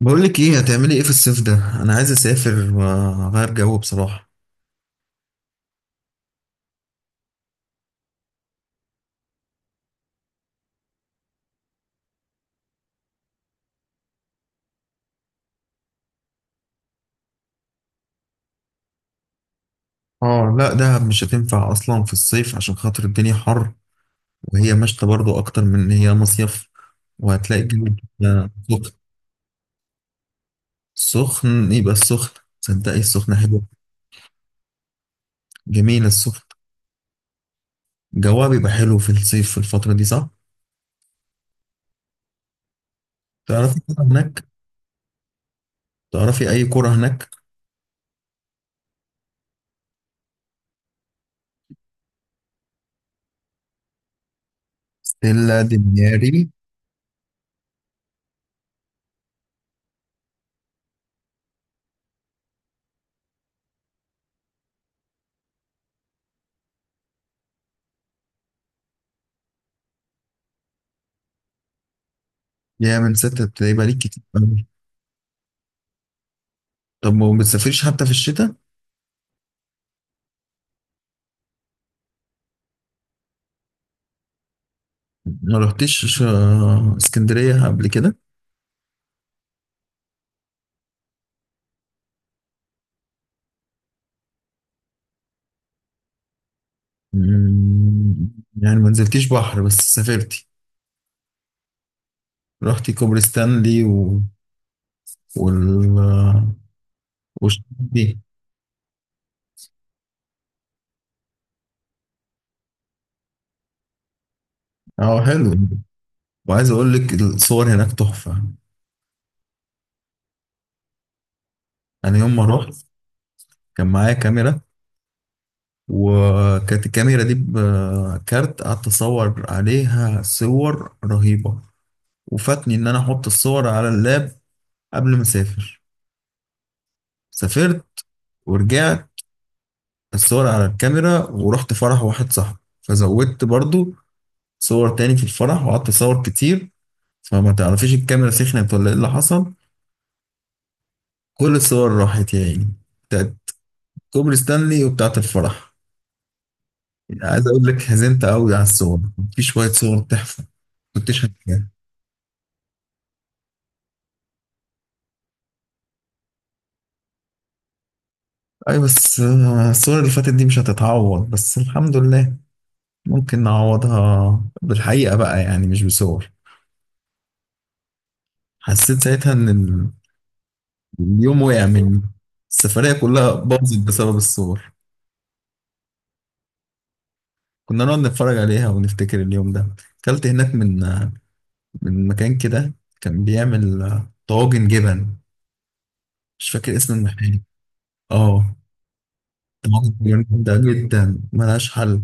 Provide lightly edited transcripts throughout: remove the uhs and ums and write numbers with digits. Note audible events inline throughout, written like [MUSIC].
بقول لك ايه هتعملي ايه في الصيف ده؟ انا عايز اسافر واغير جو بصراحه. اه، لا دهب مش هتنفع اصلا في الصيف عشان خاطر الدنيا حر، وهي مشتى برضو اكتر من ان هي مصيف. وهتلاقي الجو بيبقى سخن. سخن، يبقى السخن، تصدقي السخن حلو. جميل السخن، جوها بيبقى حلو في الصيف في الفتره دي، صح؟ تعرفي كرة هناك؟ تعرفي اي كرة هناك؟ ستيلا دمياري. يا، من ستة بتبقى ليك كتير قوي. طب ما بتسافريش حتى في الشتاء؟ ما رحتش اسكندرية قبل كده؟ مم، يعني ما نزلتيش بحر بس سافرتي. رحتي كوبري ستانلي و... وال وش دي. اه حلو. وعايز اقول لك الصور هناك تحفة. انا يوم ما رحت كان معايا كاميرا، وكانت الكاميرا دي بكارت، قعدت اصور عليها صور رهيبة، وفاتني ان انا احط الصور على اللاب قبل ما اسافر. سافرت ورجعت، الصور على الكاميرا، ورحت فرح واحد صاحبي فزودت برضو صور تاني في الفرح وقعدت اصور كتير، فما تعرفيش الكاميرا سخنت ولا ايه اللي حصل. كل الصور راحت يا عيني، بتاعت كوبري ستانلي وبتاعت الفرح. يعني عايز اقول لك حزنت قوي على الصور، في شوية صور تحفة. كنتش هتجيبها. اي بس الصور اللي فاتت دي مش هتتعوض، بس الحمد لله ممكن نعوضها بالحقيقة بقى، يعني مش بصور. حسيت ساعتها ان اليوم وقع مني، السفرية كلها باظت بسبب الصور. كنا نقعد نتفرج عليها ونفتكر اليوم ده. أكلت هناك من من مكان كده، كان بيعمل طواجن جبن، مش فاكر اسم المحل. اه، طواجن جبن جامدة جدا، ملهاش حل.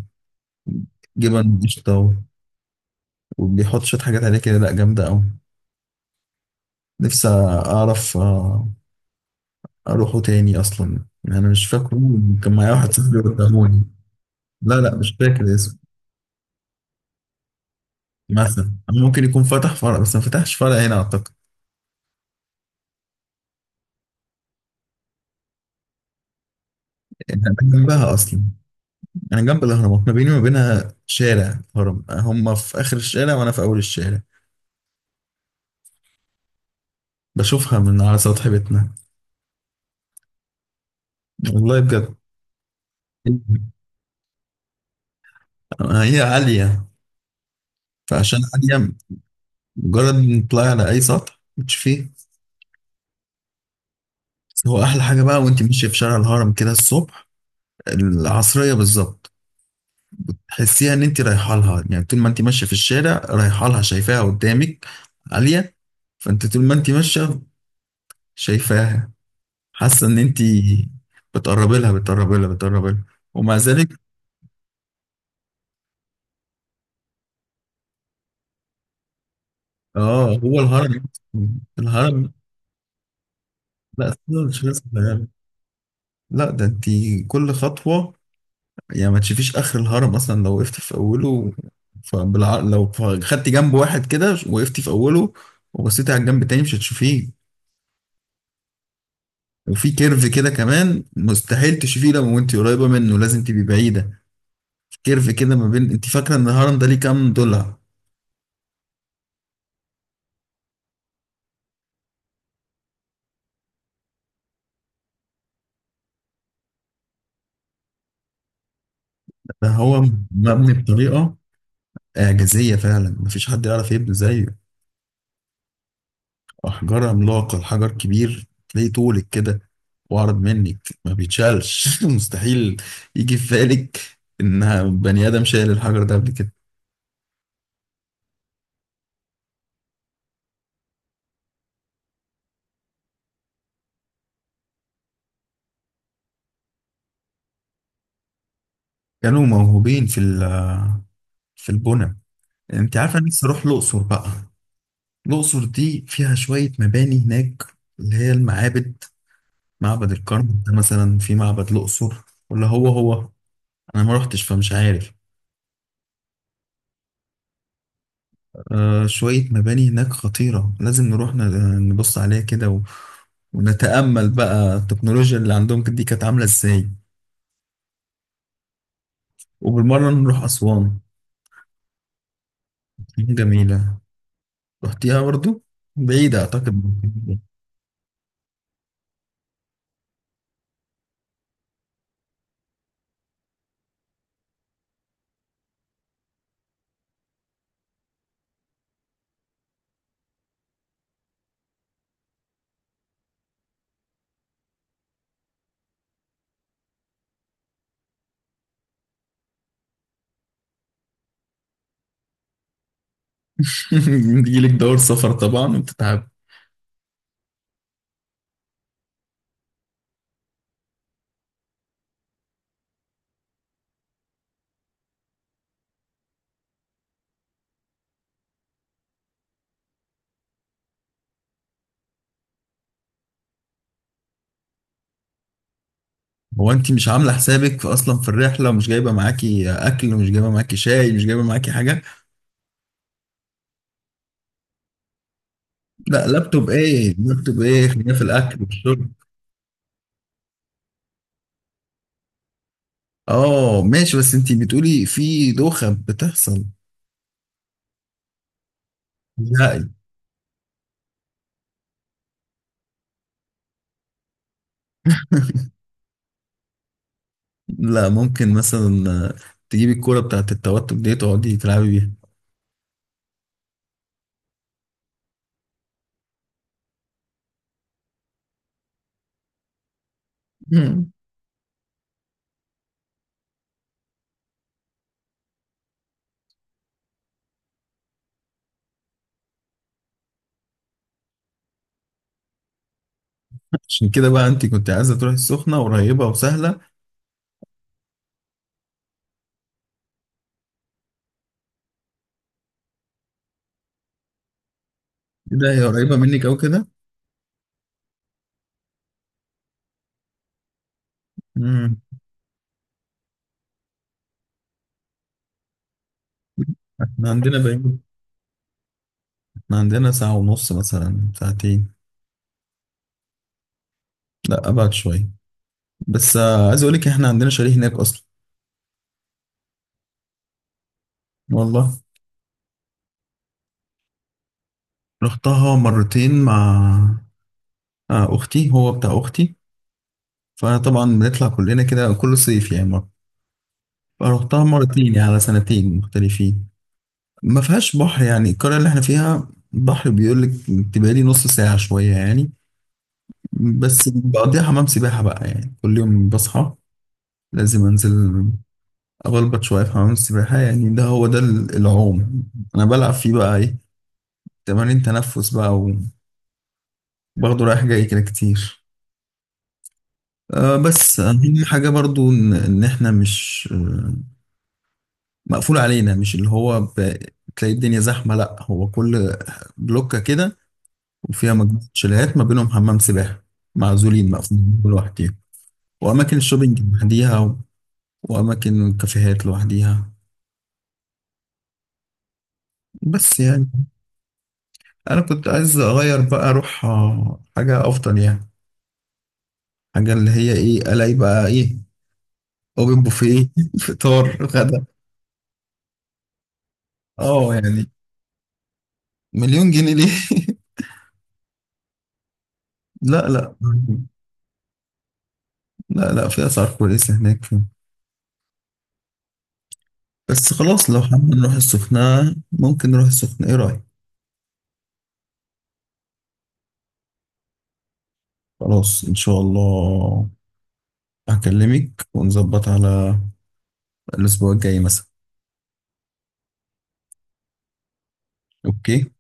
جبن قشطة، وبيحط شوية حاجات عليه كده، لأ جامدة أوي. نفسي أعرف أروحه تاني أصلا، يعني أنا مش فاكره. كان معايا واحد صاحبي وداهوني. لا لا، مش فاكر اسمه. مثلا ممكن يكون فتح فرع، بس ما فتحش فرع هنا أعتقد. انا جنبها اصلا، انا جنب الاهرامات، ما بيني وما بينها شارع هرم، هم في اخر الشارع وانا في اول الشارع. بشوفها من على سطح بيتنا. والله بجد. هي عاليه، فعشان عاليه مجرد ان تطلعي على اي سطح بتشوفيه. بس هو احلى حاجه بقى وانت ماشيه في شارع الهرم كده الصبح، العصريه بالظبط. تحسيها ان انت رايحه لها، يعني طول ما انت ماشيه في الشارع رايحه لها شايفاها قدامك عاليه. فانت طول ما انت ماشيه شايفاها، حاسه ان انت بتقربي لها، بتقربي لها، بتقربي لها. ومع ذلك. اه هو الهرم، الهرم لا أصلاً مش ناس صغيرة. لا ده انت، كل خطوه يعني ما تشوفيش اخر الهرم اصلا لو وقفت في اوله. لو خدتي جنب واحد كده وقفتي في اوله وبصيتي على الجنب التاني مش هتشوفيه. وفي كيرف كده كمان، مستحيل تشوفيه لو وانت قريبه منه، لازم تبقي بعيده. كيرف كده ما بين، انت فاكره ان الهرم ده ليه كام ضلع؟ ده هو مبني بطريقه إعجازية فعلا، مفيش حد يعرف يبني زيه. أحجار عملاقة، الحجر كبير تلاقيه طولك كده وأعرض منك، ما بيتشالش [LAUGHS] مستحيل يجي في بالك إن بني آدم شايل الحجر ده قبل كده. كانوا موهوبين في البنى. أنت عارفة أنا نفسي أروح الأقصر بقى. الأقصر دي فيها شوية مباني هناك، اللي هي المعابد. معبد الكرنك ده مثلا، في معبد الأقصر، ولا هو هو؟ أنا ما رحتش فمش عارف. آه شوية مباني هناك خطيرة، لازم نروح نبص عليها كده ونتأمل بقى التكنولوجيا اللي عندهم دي كانت عاملة ازاي. وبالمرة نروح أسوان، جميلة. رحتيها برضو؟ بعيدة أعتقد [LAUGHS] بيجيلك دور سفر طبعا وبتتعب. هو أنت مش عاملة حسابك في أصلا في الرحلة، ومش جايبة معاكي أكل، ومش جايبة معاكي شاي، مش جايبة معاكي حاجة؟ لا لابتوب إيه، لابتوب إيه، خلينا في الأكل والشرب. آه ماشي، بس أنت بتقولي في دوخة بتحصل. لا لا، ممكن مثلا تجيبي الكورة بتاعت التوتر دي تقعدي تلعبي بيها. مم. عشان كده بقى انت كنت عايزة تروحي السخنة، قريبة وسهلة. ايه ده، هي قريبة منك او كده؟ امم. احنا عندنا بعيد، احنا عندنا ساعة ونص مثلا، ساعتين. لا ابعد شوية. بس عايز اقول لك احنا عندنا شاليه هناك اصلا. والله. رحتها مرتين مع اختي، هو بتاع اختي. فطبعا بنطلع كلنا كده كل صيف يعني مرة. فرحتها مرتين يعني على سنتين مختلفين. ما فيهاش بحر، يعني القرية اللي احنا فيها بحر بيقول لك، تبقى لي نص ساعة شوية يعني. بس بقضيها حمام سباحة بقى، يعني كل يوم بصحى لازم انزل اغلبط شوية في حمام السباحة. يعني ده هو ده العوم. انا بلعب فيه بقى ايه، تمارين تنفس بقى، وباخده رايح جاي كده كتير. أه بس أهم حاجة برضو إن إحنا مش مقفول علينا. مش اللي هو تلاقي الدنيا زحمة. لأ هو كل بلوكة كده، وفيها مجموعة شاليهات ما بينهم حمام سباحة، معزولين مقفولين كل واحد فيهم. وأماكن الشوبينج لوحديها وأماكن الكافيهات لوحديها. بس يعني أنا كنت عايز أغير بقى، أروح حاجة أفضل يعني، حاجة اللي هي إيه، ألاقي بقى إيه، أوبن بوفيه [LAUGHS] فطار غدا. أه يعني، مليون جنيه ليه؟ [LAUGHS] لا لا. لا لا، في أسعار كويسة هناك. بس خلاص لو حابين نروح السخنة، ممكن نروح السخنة، إيه رأيك؟ خلاص إن شاء الله، هكلمك ونظبط على الأسبوع الجاي مثلا. أوكي.